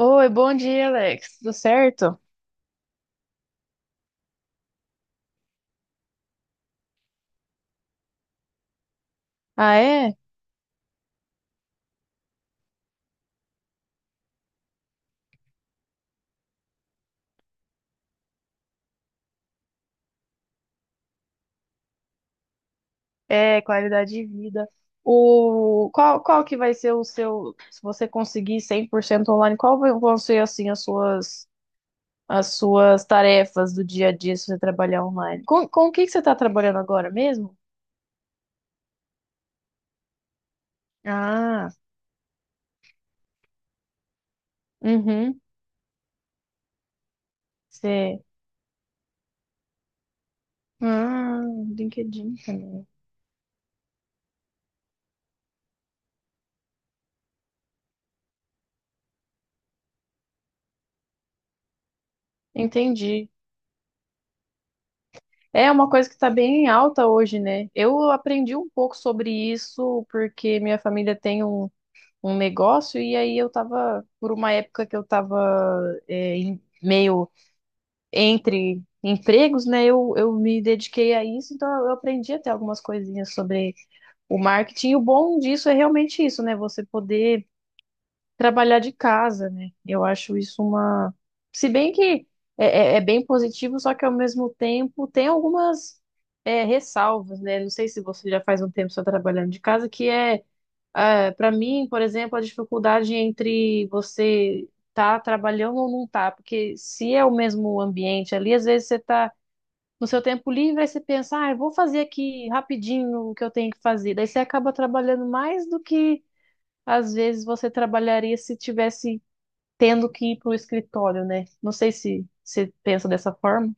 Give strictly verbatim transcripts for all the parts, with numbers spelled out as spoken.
Oi, bom dia, Alex. Tudo certo? Ah, é? É, qualidade de vida. O qual, qual que vai ser o seu, se você conseguir cem por cento online, qual vai- vão ser assim as suas as suas tarefas do dia a dia se você trabalhar online? Com, com o que que você está trabalhando agora mesmo? Ah, uhum. Você. Ah, LinkedIn também. Entendi. É uma coisa que está bem em alta hoje, né? Eu aprendi um pouco sobre isso porque minha família tem um um negócio, e aí eu tava, por uma época que eu tava é, em- meio entre empregos, né? Eu, eu me dediquei a isso, então eu aprendi até algumas coisinhas sobre o marketing. E o bom disso é realmente isso, né? Você poder trabalhar de casa, né? Eu acho isso uma. Se bem que é, é- é bem positivo, só que ao mesmo tempo tem algumas. É, ressalvas, né? Não sei se você já faz um tempo só trabalhando de casa, que é é, para mim, por exemplo, a dificuldade entre você tá trabalhando ou não tá, porque se é o mesmo ambiente ali, às vezes você tá no seu tempo livre, aí você pensa, ah, eu vou fazer aqui rapidinho o que eu tenho que fazer. Daí você acaba trabalhando mais do que às vezes você trabalharia se tivesse tendo que ir para o escritório, né? Não sei se você pensa dessa forma.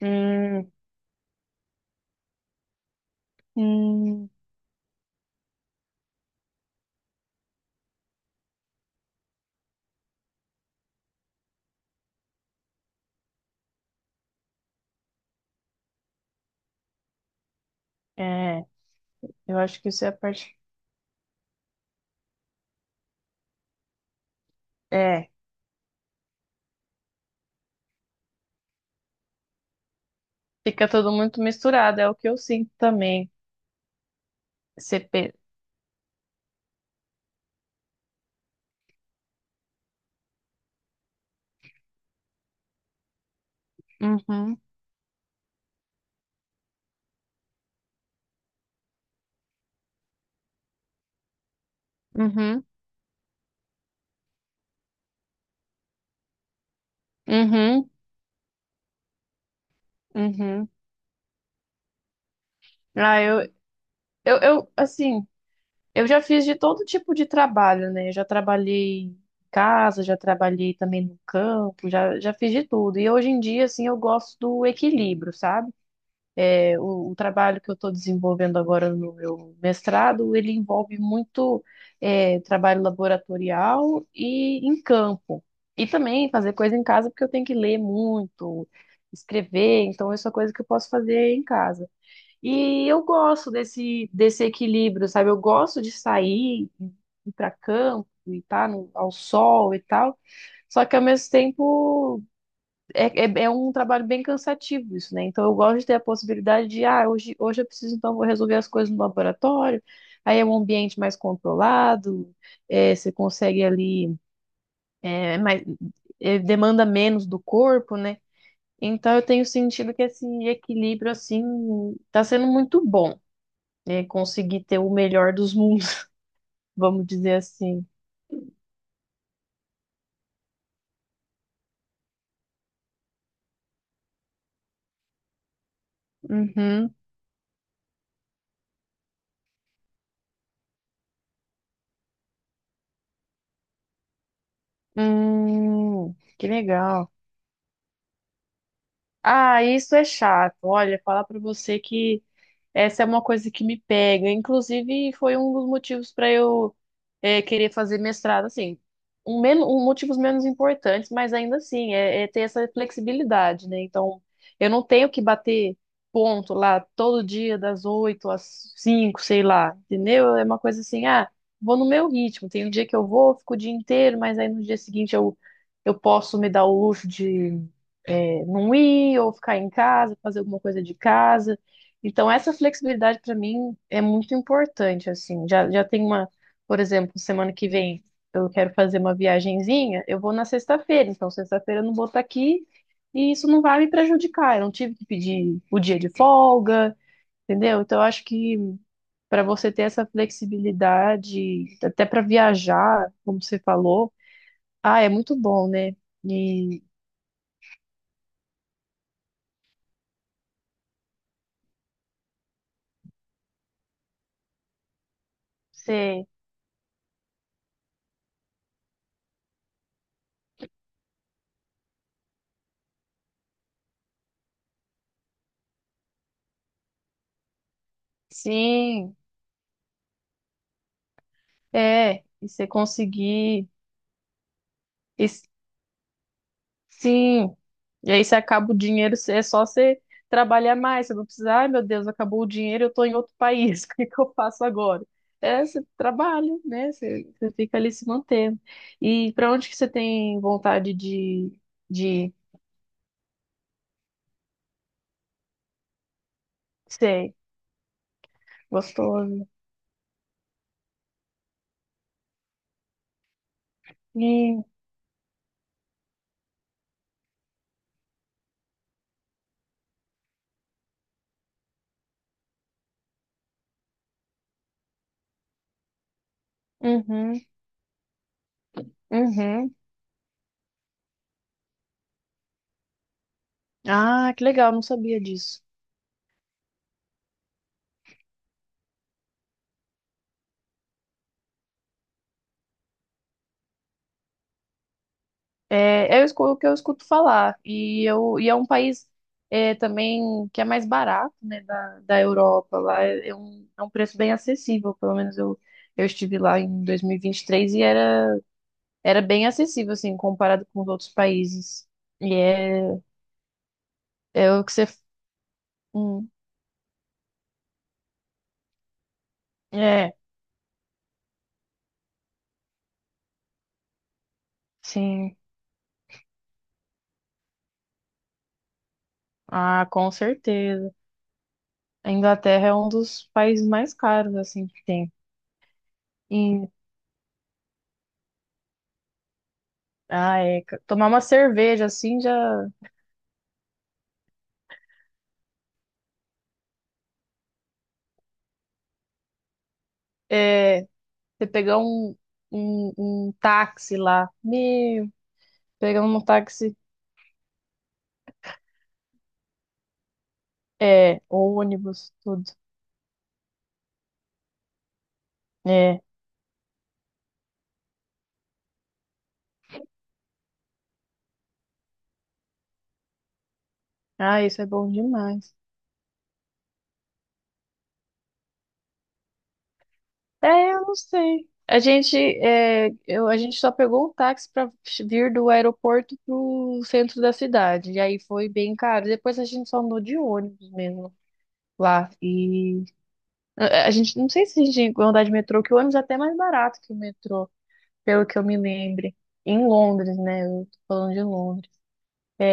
Hum, hum, é, eu acho que isso é a parte. É, fica tudo muito misturado, é o que eu sinto também. Uhum, uhum, uhum, uhum. Ah, eu, eu, eu, assim, eu já fiz de todo tipo de trabalho, né? Eu já trabalhei em casa, já trabalhei também no campo, já, já fiz de tudo. E hoje em dia, assim, eu gosto do equilíbrio, sabe? o, o trabalho que eu estou desenvolvendo agora no meu mestrado, ele envolve muito é, trabalho laboratorial e em campo. E também fazer coisa em casa, porque eu tenho que ler muito, escrever, então isso é coisa que eu posso fazer em casa. E eu gosto desse, desse equilíbrio, sabe? Eu gosto de sair, ir para campo e estar no- ao sol e tal. Só que ao mesmo tempo é, é, é um trabalho bem cansativo isso, né? Então eu gosto de ter a possibilidade de, ah, hoje, hoje eu preciso, então vou resolver as coisas no laboratório, aí é um ambiente mais controlado, é, você consegue ali, é, mais, é, demanda menos do corpo, né? Então eu tenho sentido que esse equilíbrio, assim, tá sendo muito bom, né? Conseguir ter o melhor dos mundos, vamos dizer assim. Uhum. Hum, que legal. Ah, isso é chato. Olha, falar pra você que essa é uma coisa que me pega. Inclusive, foi um dos motivos para eu é, querer fazer mestrado, assim. Um, men um motivos menos importantes, mas ainda assim, é, é ter essa flexibilidade, né? Então, eu não tenho que bater ponto lá todo dia, das oito às cinco, sei lá, entendeu? É uma coisa assim, ah, vou no meu ritmo. Tem um dia que eu vou, fico o dia inteiro, mas aí no dia seguinte eu, eu posso me dar o luxo de não ir ou ficar em casa, fazer alguma coisa de casa. Então, essa flexibilidade para mim é muito importante, assim. Já, já tem uma, por exemplo, semana que vem eu quero fazer uma viagenzinha, eu vou na sexta-feira, então sexta-feira eu não vou estar aqui e isso não vai me prejudicar. Eu não tive que pedir o dia de folga, entendeu? Então, eu acho que para você ter essa flexibilidade, até para viajar, como você falou, ah, é muito bom, né? E você sim, é, e você conseguir. E s- sim. E aí você acaba o dinheiro, cê- é só você trabalhar mais. Você não precisa, ai meu Deus, acabou o dinheiro, eu tô em outro país, o que que eu faço agora? É, você trabalha, né? Você, você fica ali se mantendo. E para onde que você tem vontade de, de ser gostoso? Hum, uhum, uhum. Ah, que legal, não sabia disso. É, é o escu- o que eu escuto falar. E, eu, e é um país é, também que é mais barato, né, da, da Europa. Lá é, é um, é um preço bem acessível. Pelo menos eu, eu estive lá em dois mil e vinte e três e vinte e três e era, era bem acessível, assim, comparado com os outros países. E é, é o que você. Hum, é, sim. Ah, com certeza. A Inglaterra é um dos países mais caros, assim, que tem. E, ah, é. Tomar uma cerveja, assim, já. é, Você pegar um, um, um táxi lá. Meu, pegando um táxi. É, ônibus, tudo. É. Ah, isso é bom demais. É, eu não sei. A gente, é, eu, a gente só pegou um táxi para vir do aeroporto pro centro da cidade. E aí foi bem caro. Depois a gente só andou de ônibus mesmo lá. E a, a gente, não sei se a gente ia andar de metrô, que o ônibus é até mais barato que o metrô, pelo que eu me lembre. Em Londres, né? Eu tô falando de Londres.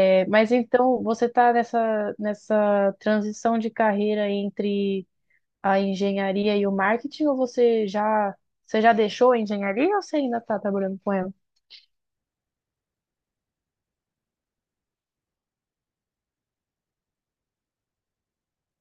É, mas então você está nessa, nessa transição de carreira entre a engenharia e o marketing, ou você já, você já deixou a engenharia ou você ainda está trabalhando com ela?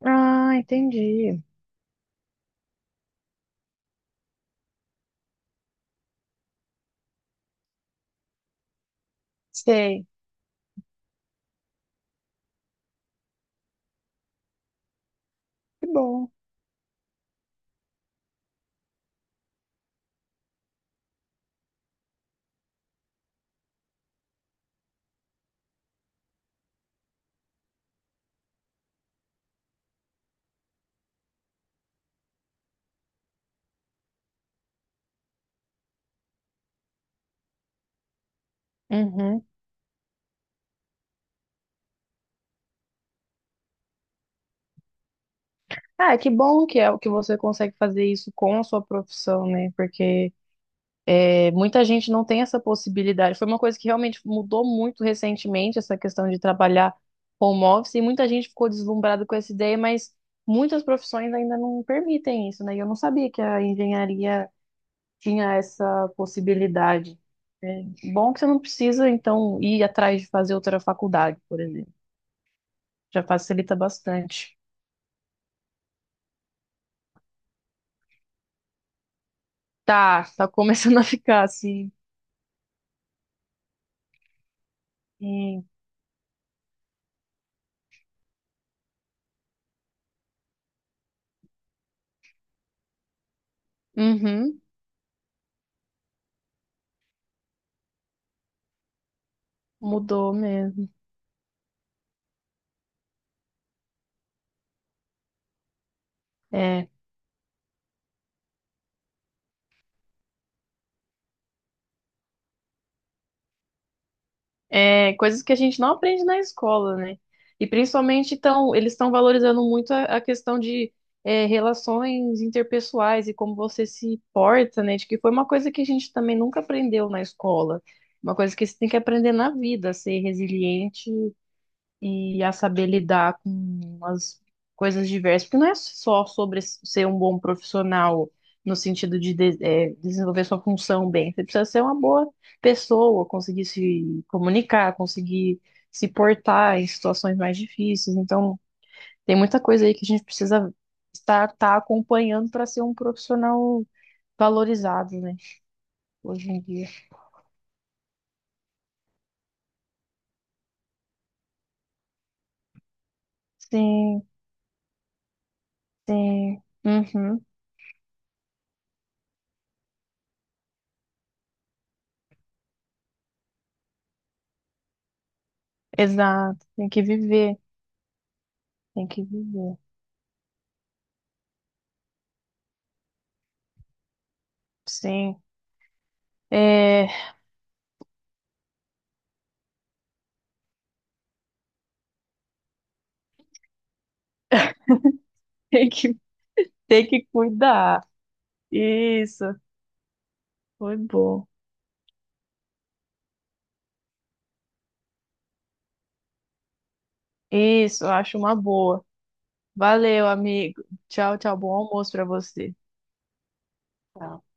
Ah, entendi. Sei. Que bom. Uhum. Ah, que bom que é o que você consegue fazer isso com a sua profissão, né? Porque é, muita gente não tem essa possibilidade. Foi uma coisa que realmente mudou muito recentemente, essa questão de trabalhar home office, e muita gente ficou deslumbrada com essa ideia, mas muitas profissões ainda não permitem isso, né? E eu não sabia que a engenharia tinha essa possibilidade. É bom que você não precisa, então, ir atrás de fazer outra faculdade, por exemplo. Já facilita bastante. Tá, tá começando a ficar assim. Sim. Uhum, mudou mesmo. É. É, coisas que a gente não aprende na escola, né? E principalmente então, eles estão valorizando muito a, a questão de é, relações interpessoais e como você se porta, né? De que foi uma coisa que a gente também nunca aprendeu na escola, uma coisa que você tem que aprender na vida, ser resiliente e a saber lidar com as coisas diversas, porque não é só sobre ser um bom profissional no sentido de, de- é, desenvolver sua função bem, você precisa ser uma boa pessoa, conseguir se comunicar, conseguir se portar em situações mais difíceis. Então, tem muita coisa aí que a gente precisa estar tá acompanhando para ser um profissional valorizado, né? Hoje em dia. Sim, sim. Uhum, exato. Tem que viver, tem que viver. Sim. É, tem que, tem que cuidar. Isso, foi bom. Isso, eu acho uma boa. Valeu, amigo. Tchau, tchau. Bom almoço pra você. Tchau.